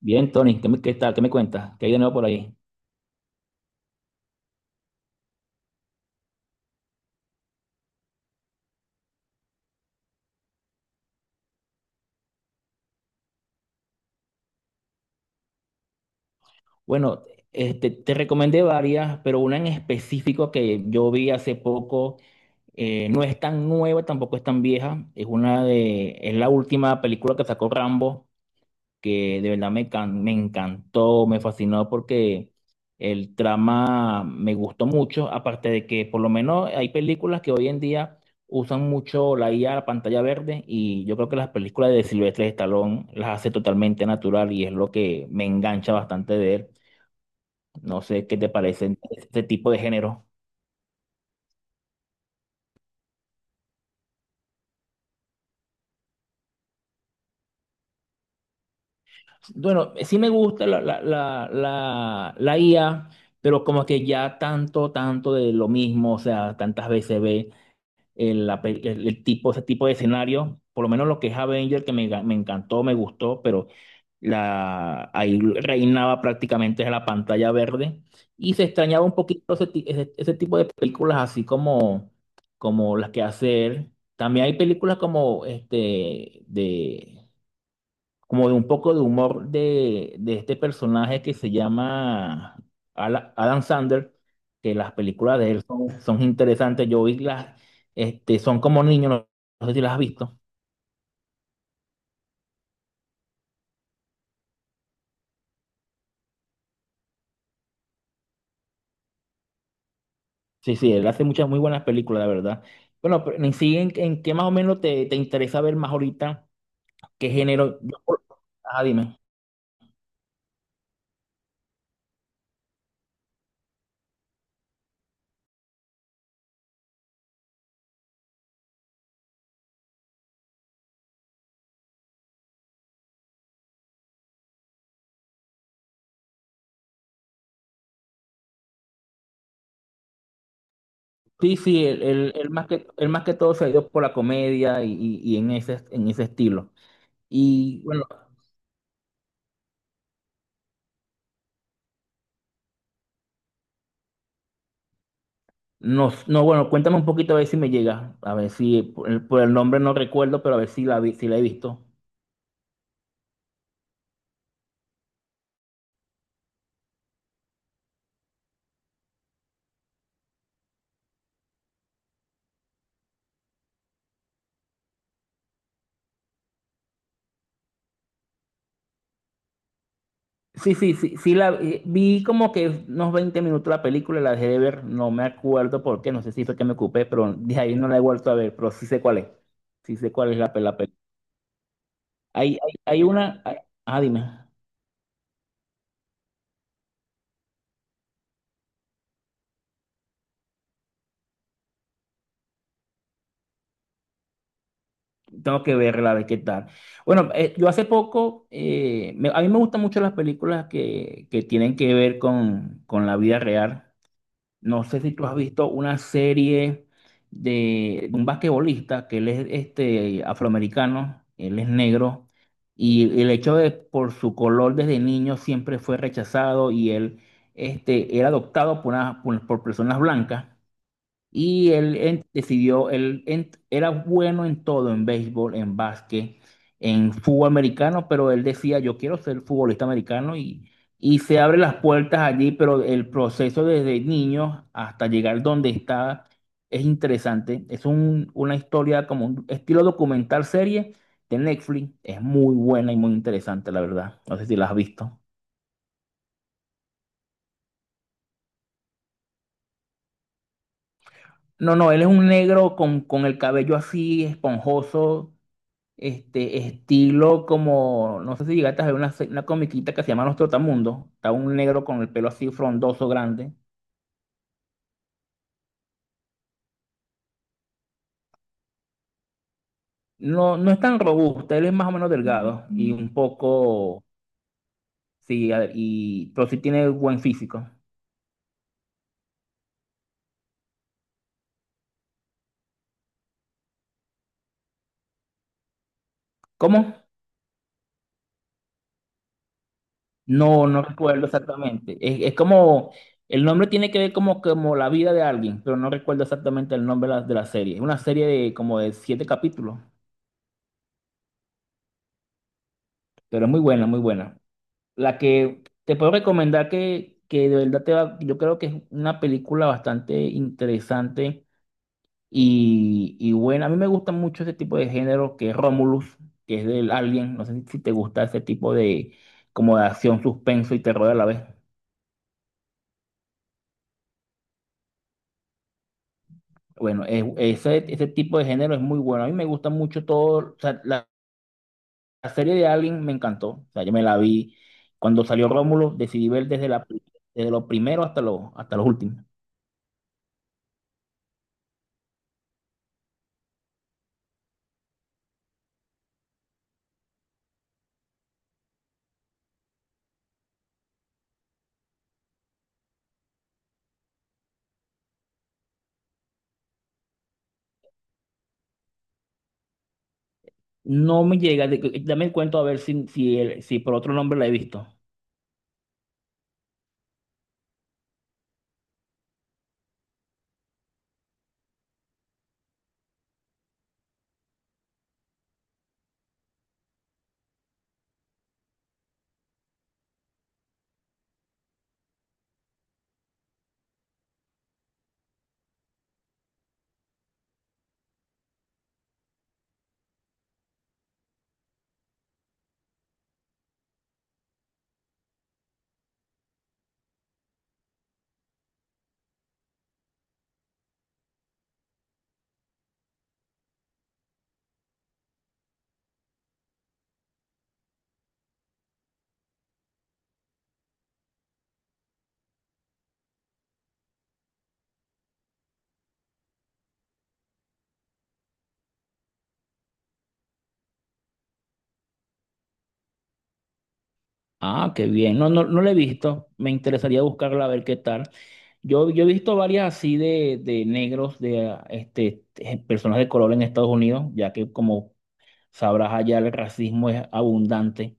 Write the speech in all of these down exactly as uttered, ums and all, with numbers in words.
Bien, Tony, ¿qué, me- qué tal? ¿Qué me cuentas? ¿Qué hay de nuevo por ahí? Bueno, este, te recomendé varias, pero una en específico que yo vi hace poco. Eh, no es tan nueva, tampoco es tan vieja, es una de, es la última película que sacó Rambo, que de verdad me, can- me encantó, me fascinó porque el trama me gustó mucho, aparte de que por lo menos hay películas que hoy en día usan mucho la I A, la pantalla verde, y yo creo que las películas de Silvestre Stallone las hace totalmente natural y es lo que me engancha bastante de él. No sé qué te parecen este tipo de género. Bueno, eh, sí me gusta la, la, la, la, la I A, pero como que ya tanto, tanto de lo mismo, o sea, tantas veces ve. El, la pe- el- El tipo, ese tipo de escenario. Por lo menos lo que es Avenger, que me, ga- me encantó, me gustó, pero la, ahí reinaba prácticamente la pantalla verde. Y se extrañaba un poquito ese, ti- ese- ese tipo de películas, así como, como las que hace él. También hay películas como este de como de un poco de humor de, de este personaje que se llama Ala- Adam Sandler, que las películas de él son, son interesantes. Yo vi las, este, Son como niños. no, no sé si las has visto. Sí, sí, él hace muchas muy buenas películas, la verdad. Bueno, pero en sí, ¿en, en qué más o menos te, te interesa ver más ahorita? ¿Qué género? Yo por- ajá, dime. Sí, sí, él, él- él más que, él más que todo se ha ido por la comedia y, y- y en ese, en ese estilo. Y bueno, No, s- no, bueno, cuéntame un poquito a ver si me llega. A ver si por el, por el nombre no recuerdo, pero a ver si la vi, si la he visto. Sí, sí, sí, sí la vi vi como que unos veinte minutos la película, la dejé de ver, no me acuerdo por qué, no sé si fue que me ocupé, pero de ahí no la he vuelto a ver, pero sí sé cuál es. Sí sé cuál es la, pe- la película. Hay, hay, hay una, hay- ah, dime. Tengo que verla, a ver qué tal. Bueno, eh, yo hace poco, eh, me- a mí me gustan mucho las películas que, que tienen que ver con, con la vida real. No sé si tú has visto una serie de, de un basquetbolista que él es este, afroamericano, él es negro, y el hecho de por su color desde niño siempre fue rechazado y él este, era adoptado por, una- por, por personas blancas. Y él en- decidió, él en- era bueno en todo, en béisbol, en básquet, en fútbol americano, pero él decía, yo quiero ser futbolista americano y, y se abre las puertas allí, pero el proceso desde niño hasta llegar donde está es interesante. Es un- una historia como un estilo documental serie de Netflix. Es muy buena y muy interesante, la verdad. No sé si la has visto. No, no, él es un negro con, con el cabello así esponjoso. Este estilo como, no sé si llegaste a ver una, se- una comiquita que se llama Los Trotamundos. Está un negro con el pelo así frondoso, grande. No, no es tan robusto, él es más o menos delgado y un poco, sí, a- y, pero sí tiene buen físico. ¿Cómo? No, no recuerdo exactamente. Es, es como, el nombre tiene que ver como, como la vida de alguien, pero no recuerdo exactamente el nombre de la, de la serie. Es una serie de como de siete capítulos, pero es muy buena, muy buena. La que te puedo recomendar que, que de verdad te va, yo creo que es una película bastante interesante y, y buena. A mí me gusta mucho ese tipo de género que es Romulus, que es del Alien. No sé si, si te gusta ese tipo de como de acción, suspenso y terror a la vez. Bueno, es- ese, ese tipo de género es muy bueno. A mí me gusta mucho todo. O sea, la, la serie de Alien me encantó. O sea, yo me la vi cuando salió Romulus, decidí ver desde la, pri- desde lo primero hasta lo, hasta los últimos. No me llega, de- dame el cuento a ver si, si, el- si por otro nombre la he visto. Ah, qué bien. No, no, no la he visto. Me interesaría buscarla a ver qué tal. Yo, yo he visto varias así de, de negros, de ah, este, eh, personas de color en Estados Unidos, ya que como sabrás allá el racismo es abundante.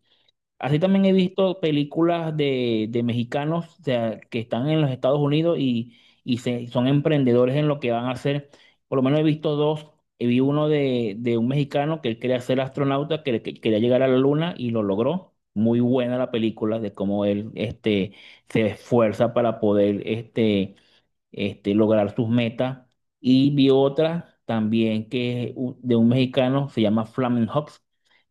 Así también he visto películas de, de mexicanos, o sea, que están en los Estados Unidos y, y se- son emprendedores en lo que van a hacer. Por lo menos he visto dos. Eh, Vi uno de, de un mexicano que él quería ser astronauta, que, que quería llegar a la luna y lo logró. Muy buena la película de cómo él este, se esfuerza para poder este, este, lograr sus metas. Y vi otra también que es u- de un mexicano, se llama Flamen Hops,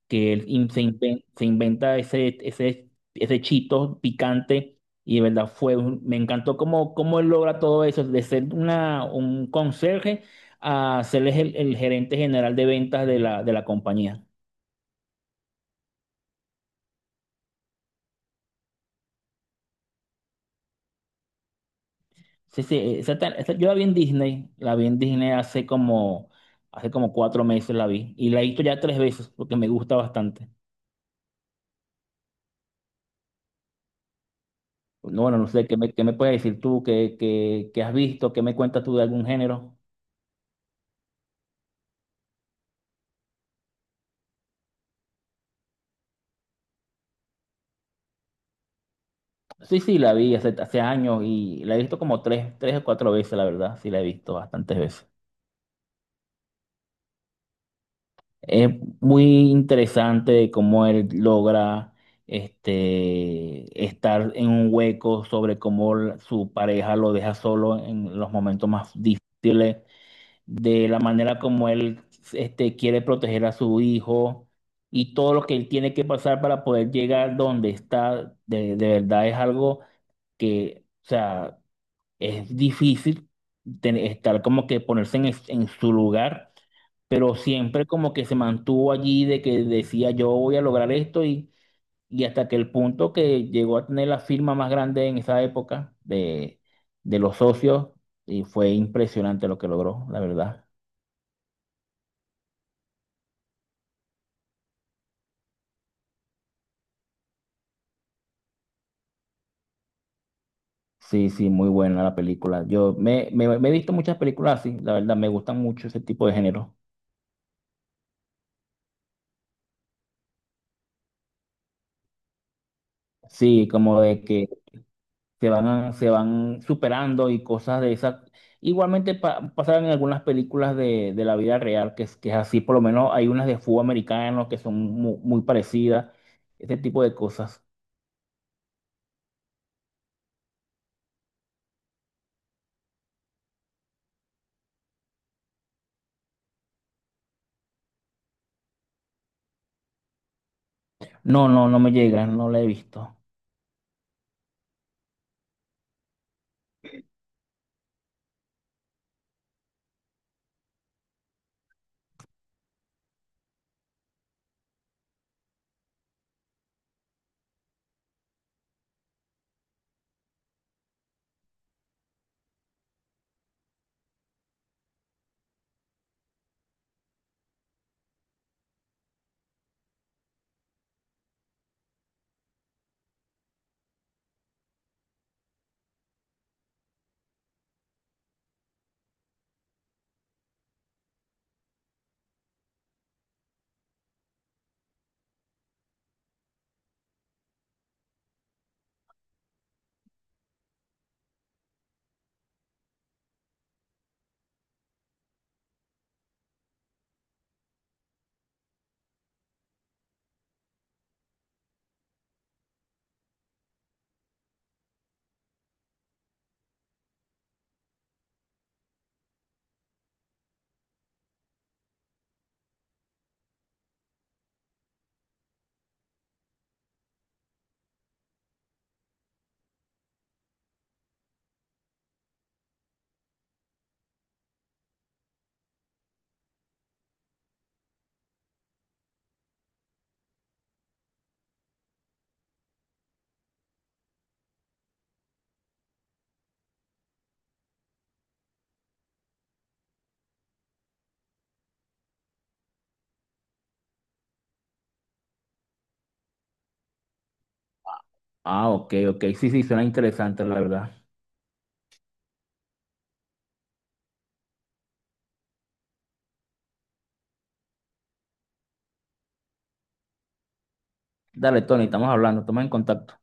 que él in- se, inven- se inventa ese, ese, ese chito picante y de verdad fue, un- me encantó cómo, cómo él logra todo eso, de ser una, un conserje a ser el, el gerente general de ventas de la, de la compañía. Sí, sí, esa ta- esa- yo la vi en Disney, la vi en Disney hace como, hace como cuatro meses la vi y la he visto ya tres veces porque me gusta bastante. pues, No, bueno, no sé, ¿qué me, qué me puedes decir tú? ¿Qué, qué- qué has visto? ¿Qué me cuentas tú de algún género? Sí, sí, la vi hace, hace años y la he visto como tres, tres o cuatro veces, la verdad. Sí, la he visto bastantes veces. Es muy interesante cómo él logra este, estar en un hueco sobre cómo la- su pareja lo deja solo en los momentos más difíciles de la manera como él este, quiere proteger a su hijo y todo lo que él tiene que pasar para poder llegar donde está, de, de verdad es algo que, o sea, es difícil ten- estar como que ponerse en, es- en su lugar, pero siempre como que se mantuvo allí de que decía yo voy a lograr esto y, y hasta que el punto que llegó a tener la firma más grande en esa época de, de los socios y fue impresionante lo que logró, la verdad. Sí, sí, muy buena la película. Yo me, me, me he visto muchas películas así, la verdad, me gustan mucho ese tipo de género. Sí, como de que se van, a- se van superando y cosas de esas. Igualmente pa- pasaron en algunas películas de, de la vida real, que es, que es así, por lo menos hay unas de fútbol americano que son mu- muy parecidas, ese tipo de cosas. No, no, no me llegan, no la he visto. Ah, ok, ok, sí, sí, suena interesante, la verdad. Dale, Tony, estamos hablando, estamos en contacto.